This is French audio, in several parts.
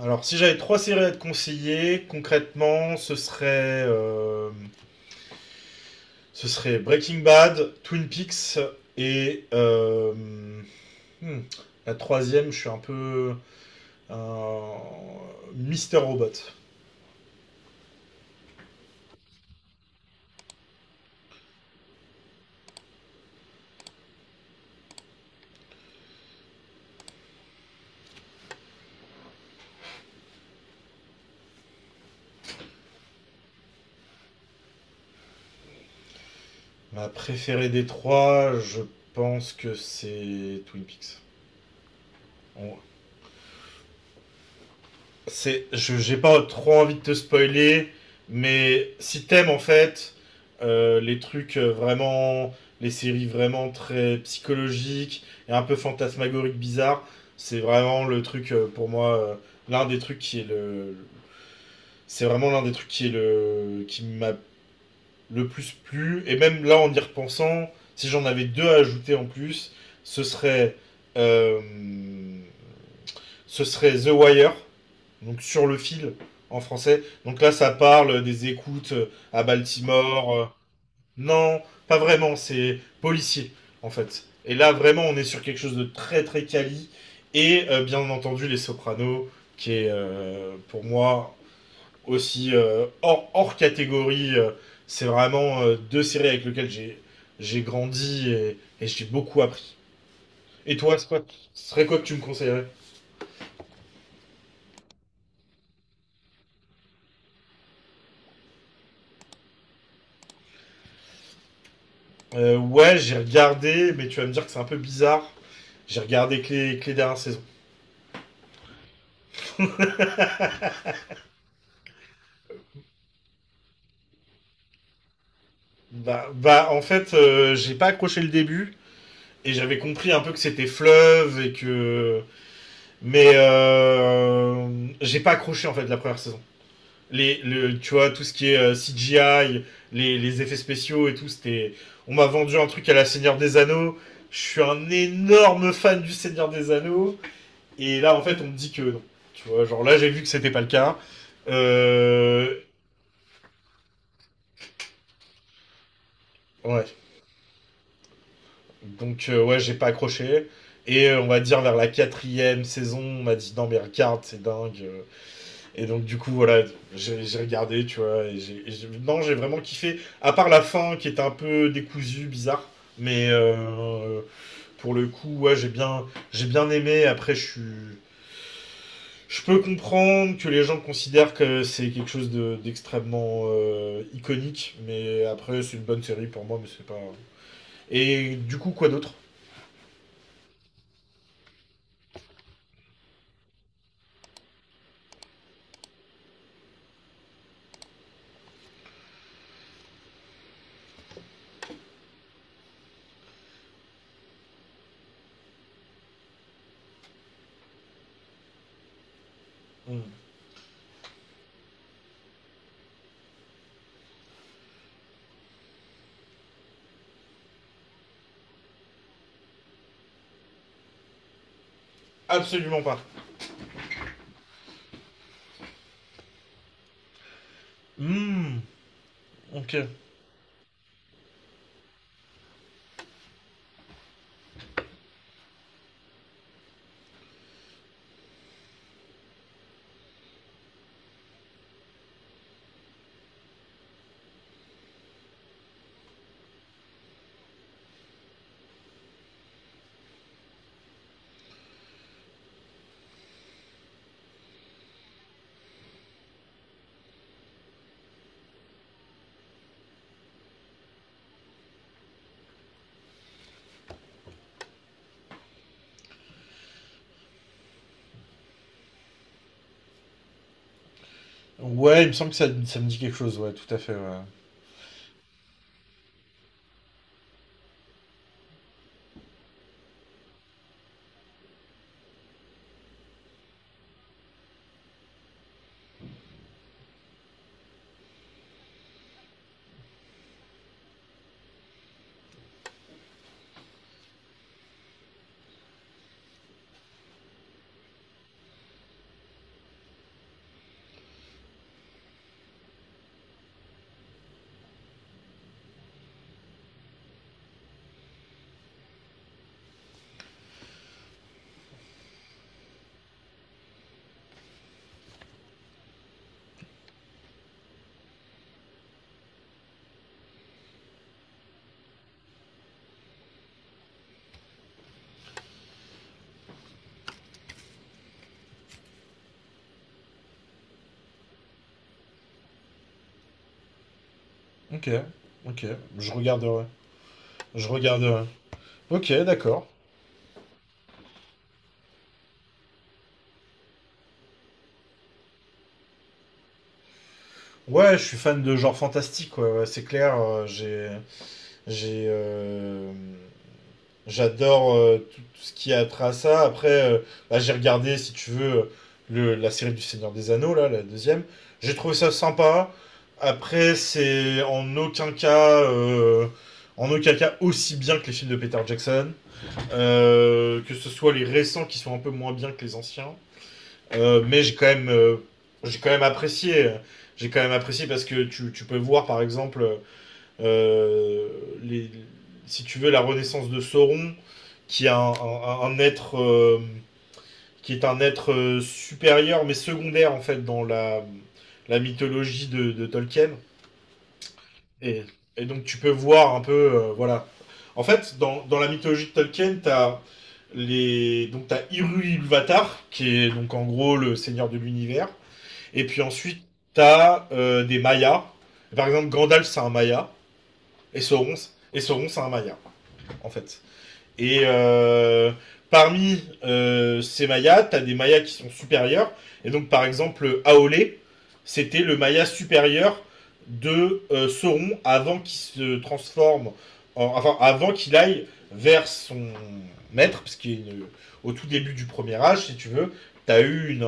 Alors, si j'avais trois séries à te conseiller, concrètement, ce serait Breaking Bad, Twin Peaks et hmm, la troisième, je suis un peu un Mister Robot. Ma préférée des trois, je pense que c'est Twin Peaks. En j'ai pas trop envie de te spoiler, mais si t'aimes en fait, les trucs, vraiment, les séries vraiment très psychologiques et un peu fantasmagoriques, bizarres, c'est vraiment le truc, pour moi, l'un des trucs qui est le, l'un des trucs qui est le, qui m'a le plus plu. Et même là, en y repensant, si j'en avais deux à ajouter en plus, ce serait euh, ce serait The Wire, donc sur le fil en français. Donc là, ça parle des écoutes, à Baltimore. Non, pas vraiment, c'est policier en fait. Et là, vraiment, on est sur quelque chose de très très quali. Et, bien entendu, Les Sopranos, qui est, pour moi aussi, hors catégorie. C'est vraiment, deux séries avec lesquelles j'ai grandi, et j'ai beaucoup appris. Et toi, ce serait quoi que tu me conseillerais? Ouais, j'ai regardé, mais tu vas me dire que c'est un peu bizarre. J'ai regardé que que les dernières saisons. Bah en fait, j'ai pas accroché le début et j'avais compris un peu que c'était fleuve et que. Mais j'ai pas accroché en fait la première saison. Tu vois, tout ce qui est CGI, les effets spéciaux et tout, c'était. On m'a vendu un truc à la Seigneur des Anneaux. Je suis un énorme fan du Seigneur des Anneaux. Et là, en fait, on me dit que non. Tu vois, genre là, j'ai vu que c'était pas le cas. Euh, ouais. Donc, ouais, j'ai pas accroché. Et on va dire vers la quatrième saison, on m'a dit non, mais regarde, c'est dingue. Et donc, du coup, voilà, j'ai regardé, tu vois. Non, j'ai vraiment kiffé. À part la fin qui était un peu décousue, bizarre. Mais pour le coup, ouais, j'ai bien aimé. Après, je suis. Je peux comprendre que les gens considèrent que c'est quelque chose d'extrêmement iconique, mais après, c'est une bonne série pour moi, mais c'est pas. Et du coup, quoi d'autre? Hmm. Absolument pas. Hmm, ok. Ouais, il me semble que ça me dit quelque chose, ouais, tout à fait, ouais. Ok, ok. Je regarderai. Je regarderai. Ok, d'accord. Ouais, je suis fan de genre fantastique, ouais, ouais, c'est clair. J'ai. euh, J'adore tout, tout ce qui a trait à ça. Après, bah, j'ai regardé, si tu veux, la série du Seigneur des Anneaux, là, la deuxième. J'ai trouvé ça sympa. Après, c'est en aucun cas aussi bien que les films de Peter Jackson. Que ce soit les récents qui sont un peu moins bien que les anciens. Mais j'ai quand même apprécié. J'ai quand même apprécié parce que tu peux voir, par exemple, euh, les, si tu veux, la renaissance de Sauron qui est un être supérieur mais secondaire en fait dans la mythologie de Tolkien. Et, et donc tu peux voir un peu voilà. En fait, dans la mythologie de Tolkien, t'as les donc t'as Ilúvatar qui est donc en gros le seigneur de l'univers. Et puis ensuite t'as des Mayas. Par exemple, Gandalf c'est un Maya et Sauron c'est un Maya en fait. Et parmi ces mayas, tu as des mayas qui sont supérieurs. Et donc, par exemple, Aolé, c'était le maya supérieur de Sauron avant qu'il se transforme, enfin, avant qu'il aille vers son maître, parce qu'au tout début du premier âge, si tu veux, tu as eu une,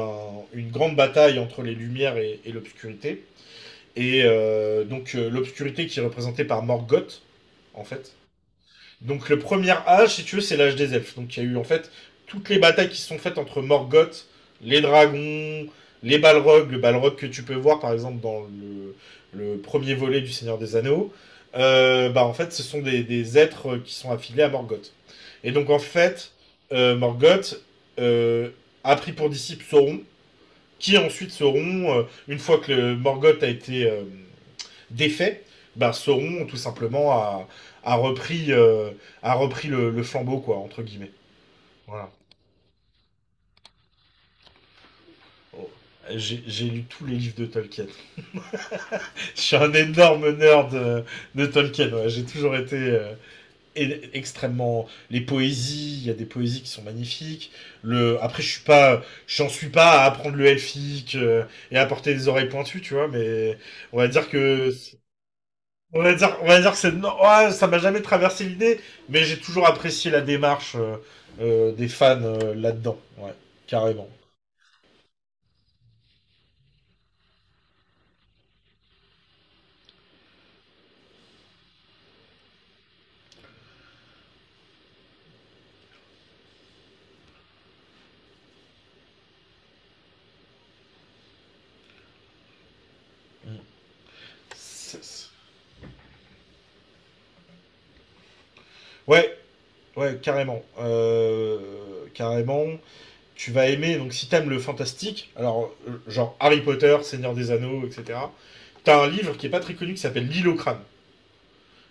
une grande bataille entre les lumières et l'obscurité. Et donc, l'obscurité qui est représentée par Morgoth, en fait, donc le premier âge, si tu veux, c'est l'âge des elfes. Donc il y a eu en fait toutes les batailles qui se sont faites entre Morgoth, les dragons, les Balrogs, le Balrog que tu peux voir par exemple dans le premier volet du Seigneur des Anneaux. Bah en fait, ce sont des êtres qui sont affiliés à Morgoth. Et donc en fait, Morgoth euh, a pris pour disciple Sauron, qui ensuite Sauron, une fois que le Morgoth a été défaits, bah, Sauron tout simplement a repris, euh, a repris le flambeau, quoi, entre guillemets. Voilà. Oh. J'ai lu tous les livres de Tolkien. Je suis un énorme nerd de Tolkien. Ouais. J'ai toujours été extrêmement. Les poésies, il y a des poésies qui sont magnifiques. Après, je suis pas, j'en suis pas à apprendre le elfique et à porter des oreilles pointues, tu vois. Mais on va dire que. On va dire, que c'est, non, ouais, ça m'a jamais traversé l'idée, mais j'ai toujours apprécié la démarche des fans là-dedans. Ouais, carrément. Mm. C'est- c'est- Ouais, ouais, carrément. Carrément. Tu vas aimer, donc si t'aimes le fantastique, alors genre Harry Potter, Seigneur des Anneaux, etc. T'as un livre qui est pas très connu qui s'appelle L'île au crâne.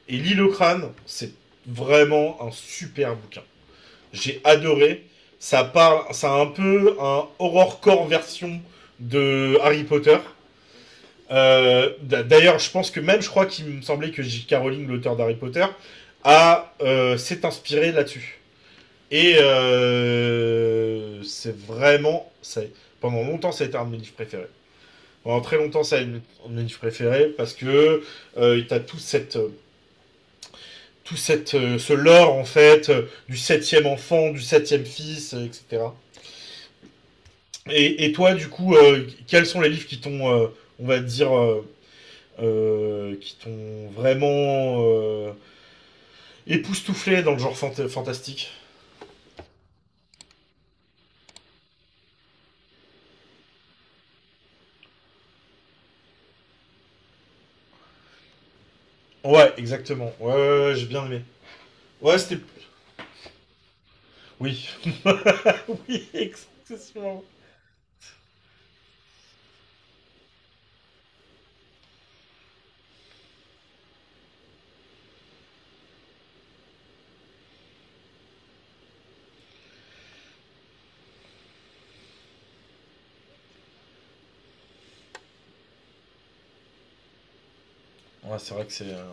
Et L'île au crâne, c'est vraiment un super bouquin. J'ai adoré. Ça parle, ça a un peu un horrorcore version de Harry Potter. Euh, D'ailleurs, je pense que même, je crois qu'il me semblait que J.K. Rowling, l'auteur d'Harry Potter, a s'est inspiré là-dessus. Et c'est vraiment, pendant longtemps, ça a été un de mes livres préférés. Pendant très longtemps, ça a été un de mes livres préférés parce que t'as ce lore en fait du septième enfant, du septième fils, etc. Et toi, du coup, quels sont les livres qui t'ont, on va dire, qui t'ont vraiment époustouflé dans le genre fantastique? Ouais, exactement. Ouais, ouais, ouais, j'ai bien aimé. Ouais, c'était. Oui. Oui, excessivement. Ouais. c'est vrai que c'est. euh,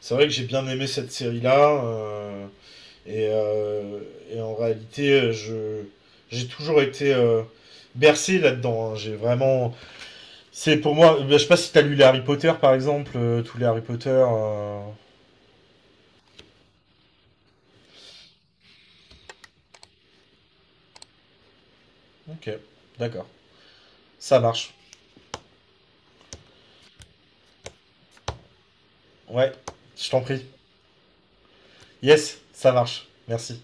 C'est vrai que j'ai bien aimé cette série-là. Et, euh, et en réalité, je j'ai toujours été bercé là-dedans. Hein. J'ai vraiment. C'est pour moi. Ben, je sais pas si t'as lu les Harry Potter par exemple, tous les Harry Potter. Ok, d'accord. Ça marche. Ouais, je t'en prie. Yes, ça marche. Merci.